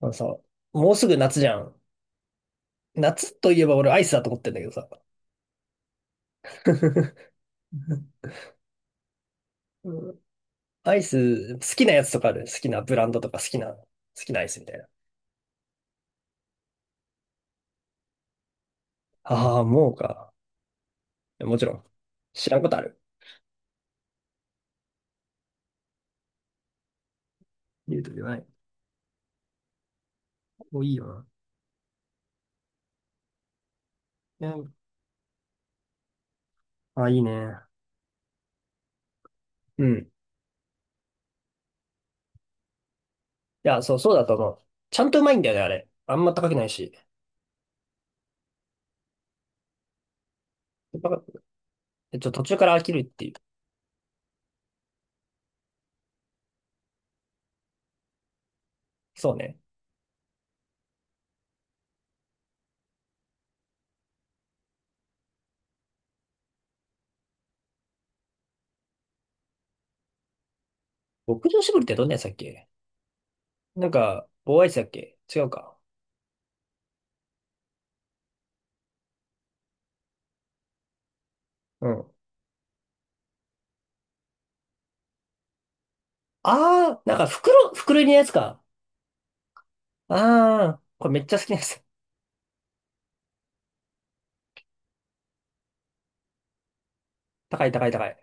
あのさ、もうすぐ夏じゃん。夏といえば俺アイスだと思ってんだけどさ。うん。アイス、好きなやつとかある？好きなブランドとか好きなアイスみたいな。ああ、もうか。もちろん。知らんことある？言うと言わない。もういいよな。う、あ、いいね。うん。いや、そう、そうだと思う。ちゃんとうまいんだよね、あれ。あんま高くないし。やっぱえちょ、途中から飽きるっていう。そうね。牧場絞りってどんなやつだっけ？なんか、棒アイスだっけ？違うか。うん。ああ、なんか袋入りのやつか。ああ、これめっちゃ好きなやつ。高い高い高い。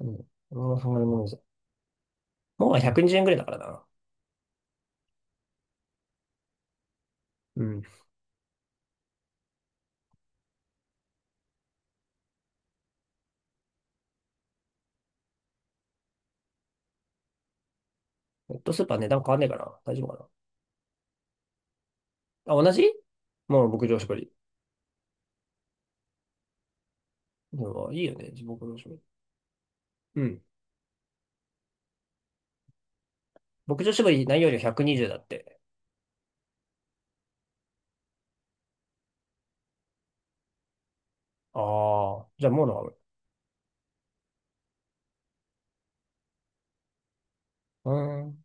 うん。俺もうそんなもんです。もう120円ぐらいだからな。うん。ネットスーパー値段変わんねえかな。大丈夫かな。あ、同じ？もう牧場絞り。でもいいよね、牧場絞り。うん。牧場絞り内容量120だって。ああ、じゃあもうのが多い。うーん。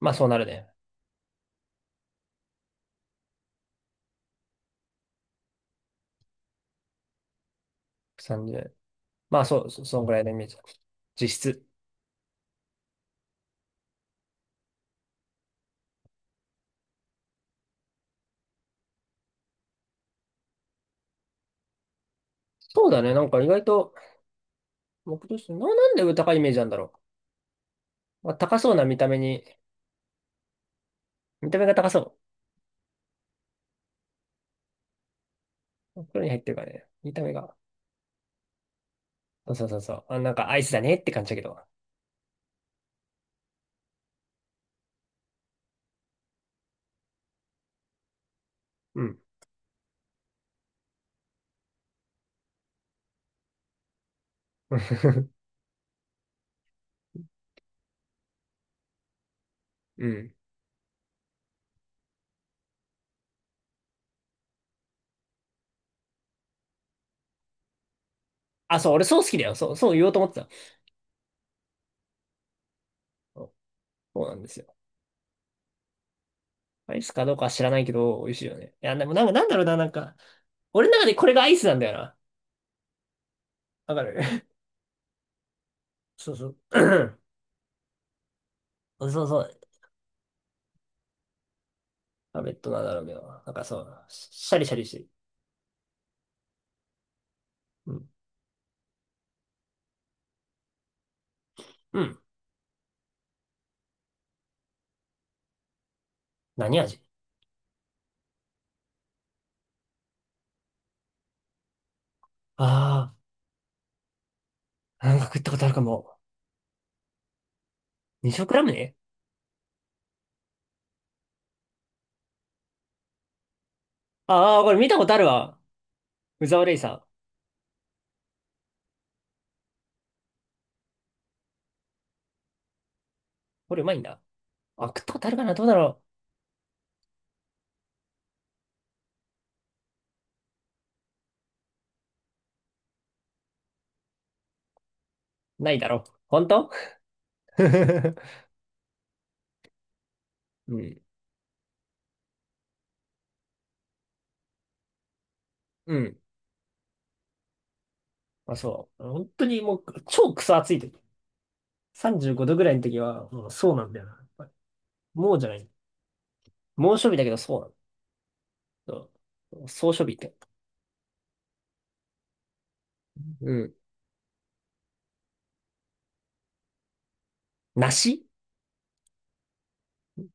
まあそうなるね。30。まあそう、そんぐらいのイメージだ。実質。そうだね。なんか意外と、牧場絞り、なんで高いイメージなんだろう。まあ、高そうな見た目に。見た目が高そう。袋に入ってるからね。見た目が。そうそうそうそう。あ、なんかアイスだねって感じだけど。うん。うん。あ、そう、俺そう好きだよ。そう、そう言おうと思ってた。そう、そうなんですよ。アイスかどうかは知らないけど、美味しいよね。いや、でもなんか、なんだろうな、なんか、俺の中でこれがアイスなんだよな。わかる。 そうそう。そうそう。タブレットなんだろうけど。なんかそう、シャリシャリしてる。うん。うん。何味？ああー、なんか食ったことあるかも。二食ラムネ？ああー、これ見たことあるわ。宇沢レイさん。これうまいんだ。あ、食ったことあるかな？どうだろう。ないだろう。本当？ うん。うん。まあ、そう。本当にもう、超クソ暑い時。35度ぐらいの時は、もうそうなんだよな。やっぱり。もうじゃない。猛暑日だけどそうなんだ。そう、総暑日って。うん。梨？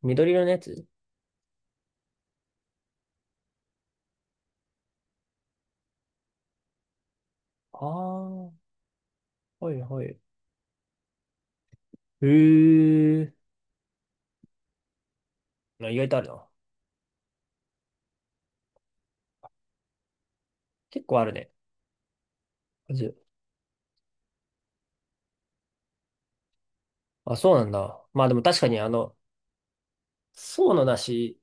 緑色のやつ？ああー、はいはい。へえ。あ、意外とあるな。結構あるね。味？あ、そうなんだ。まあでも確かにあの、層の梨、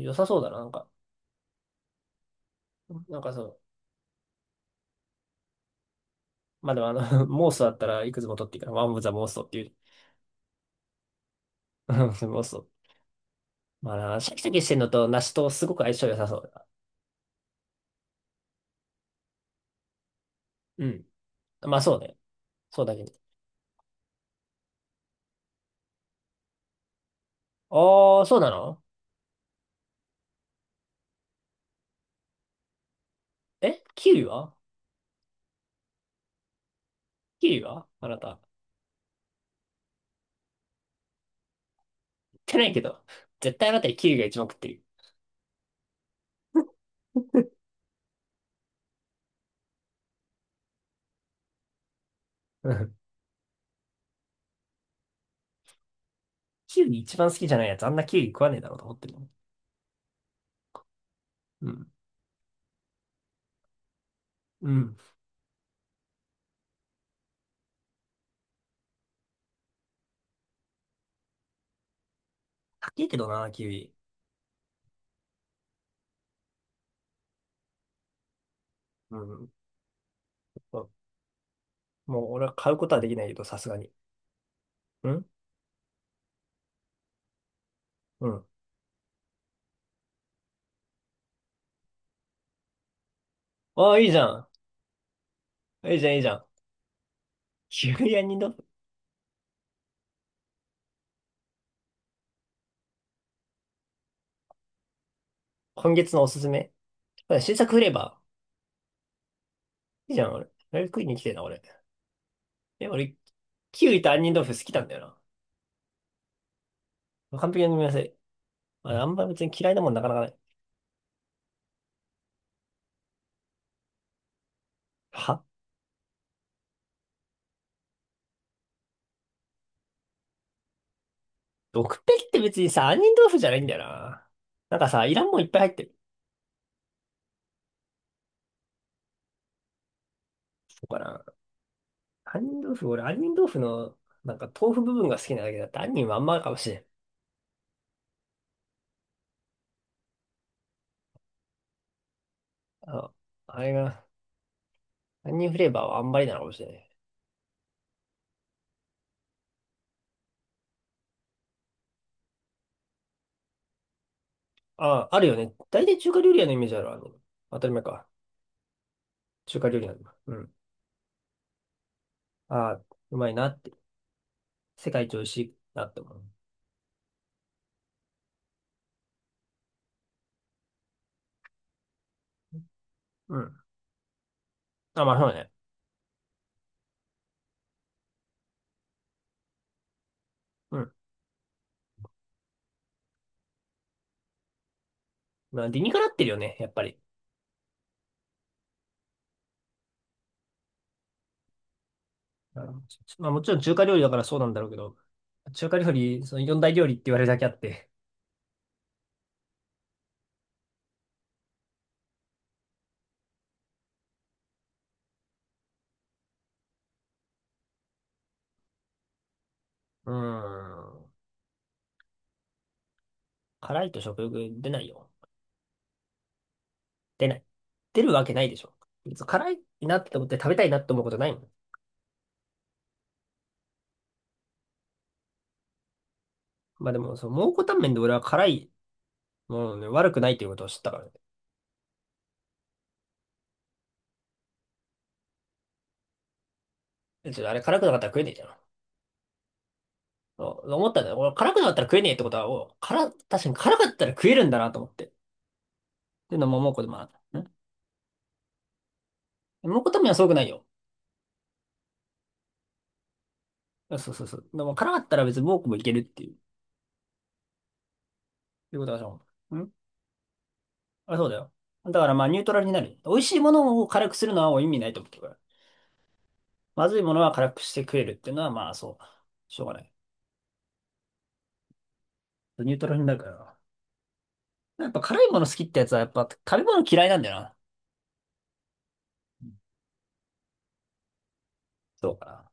良さそうだな。なんか、そう、まあでもあの、妄想だったらいくつも取っていいから、ワンオブザ妄想っていう。妄想。まあな、シャキシャキしてんのと梨とすごく相性良さそうだな。うん。まあそうね。そうだけど。ああ、そうなの？キウイは？キウイはあなた。食ってないけど。絶対あなたキウイが一番食ってる。うん。キウイ一番好きじゃないやつ、あんなキウイ食わねえだろうと思ってるの。うん。うん。高いけどな、キウイ。うん。そう、もう俺は買うことはできないけど、さすがに。うんうん。ああ、いいじゃん。いいじゃん、いいじゃん。キウイ屋にどっ？今月のおすすめ。新作フレーバー。いいじゃん、俺。あれ食いに来てるな、俺。え、俺、キウイと杏仁豆腐好きなんだよな。完璧な組み合わせ。あれあんま別に嫌いなもんなかなかない。は？毒ペリって別にさ、杏仁豆腐じゃないんだよな。なんかさ、いらんもんいっぱい入ってる。そうかな。杏仁豆腐、俺、杏仁豆腐の、なんか豆腐部分が好きなだけだって、杏仁はあんまかもしれん。あの、あれが、杏仁フレーバーはあんまりなのかもしれない。あ、あるよね。大体中華料理屋のイメージあるわ。あの、当たり前か。中華料理なんだ。うん。あ、うまいな。世界一美味しいなって思う。うん。あ、まあそうね。うん。まあ理にかなってるよね、やっぱり。あの、まあもちろん中華料理だからそうなんだろうけど、中華料理、その四大料理って言われるだけあって。うーん。辛いと食欲出ないよ。出ない。出るわけないでしょ。別に辛いなって思って食べたいなって思うことないもん。まあでも、その蒙古タンメンで俺は辛いものね、悪くないということを知ったからね。別、ちょっとあれ辛くなかったら食えねえじゃん。思ったんだよ。俺辛くなかったら食えねえってことは、確かに辛かったら食えるんだなと思って。で、のももうこでもある。んもうこためはすごくないよ。そうそうそう。でも辛かったら別に僕もいけるっていう。っていうことがそう。ん、あ、そうだよ。だからまあニュートラルになる。美味しいものを辛くするのは意味ないと思ってるから。まずいものは辛くして食えるっていうのはまあそう。しょうがない。ニュートラルになるから。やっぱ辛いもの好きってやつはやっぱ食べ物嫌いなんだよな。うん。そうかな。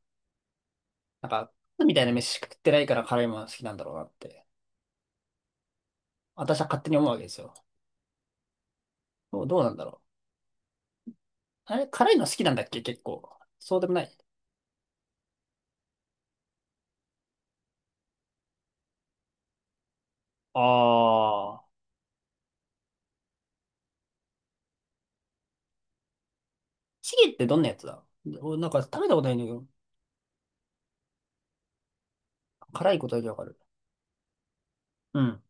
なんか、みたいな飯食ってないから辛いもの好きなんだろうなって。私は勝手に思うわけですよ。どうなんだろう。あれ、辛いの好きなんだっけ、結構？そうでもない。ああ。チゲってどんなやつだ？俺なんか食べたことないんだけど、辛いことだけわかる。うん。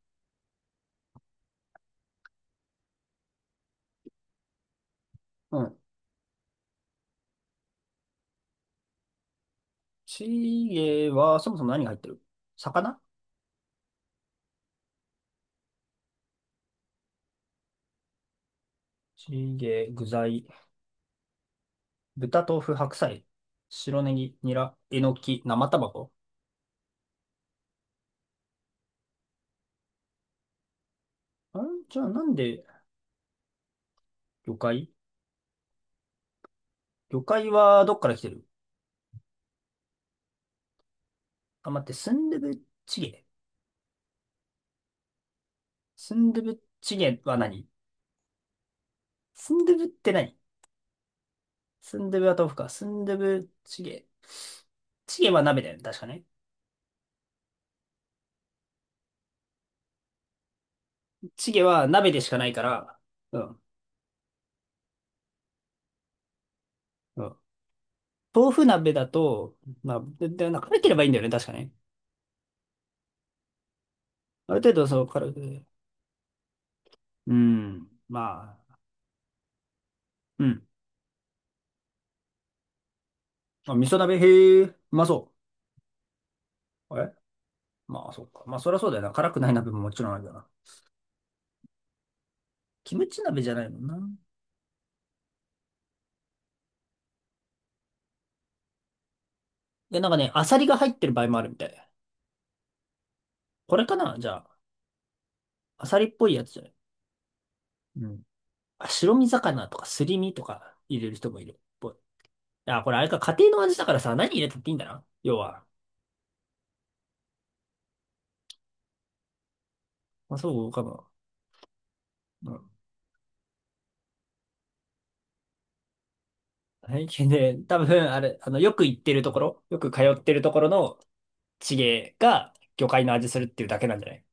うん。チゲはそもそも何が入ってる？魚？チゲ、具材、豚、豆腐、白菜、白ネギ、ニラ、えのき、生卵。あ、んじゃあなんで魚介魚介はどっから来てる？あ、待って、スンドゥブチゲ。スンドゥブチゲは何？スンドゥブって何？スンドゥブは豆腐か。スンドゥブチゲ。チゲは鍋だよね、確かね。チゲは鍋でしかないから、うん。うん。豆腐鍋だと、まあ、で、なんか辛ければいいんだよね、確かね。ある程度、そう、辛く、うん、まあ、うん。まあ、味噌鍋、へえ、うまそう。まあ、そっか。まあ、そりゃそうだよな。辛くない鍋ももちろんあるよな。キムチ鍋じゃないもんな。いや、なんかね、アサリが入ってる場合もあるみたい。これかな、じゃあ。アサリっぽいやつじゃない。うん。あ、白身魚とかすり身とか入れる人もいるっぽい。あ、これあれか、家庭の味だからさ、何入れたっていいんだな、要は。まあ、そうかも。体験で、多分、あれ、あの、よく行ってるところ、よく通ってるところの地芸が魚介の味するっていうだけなんじゃない？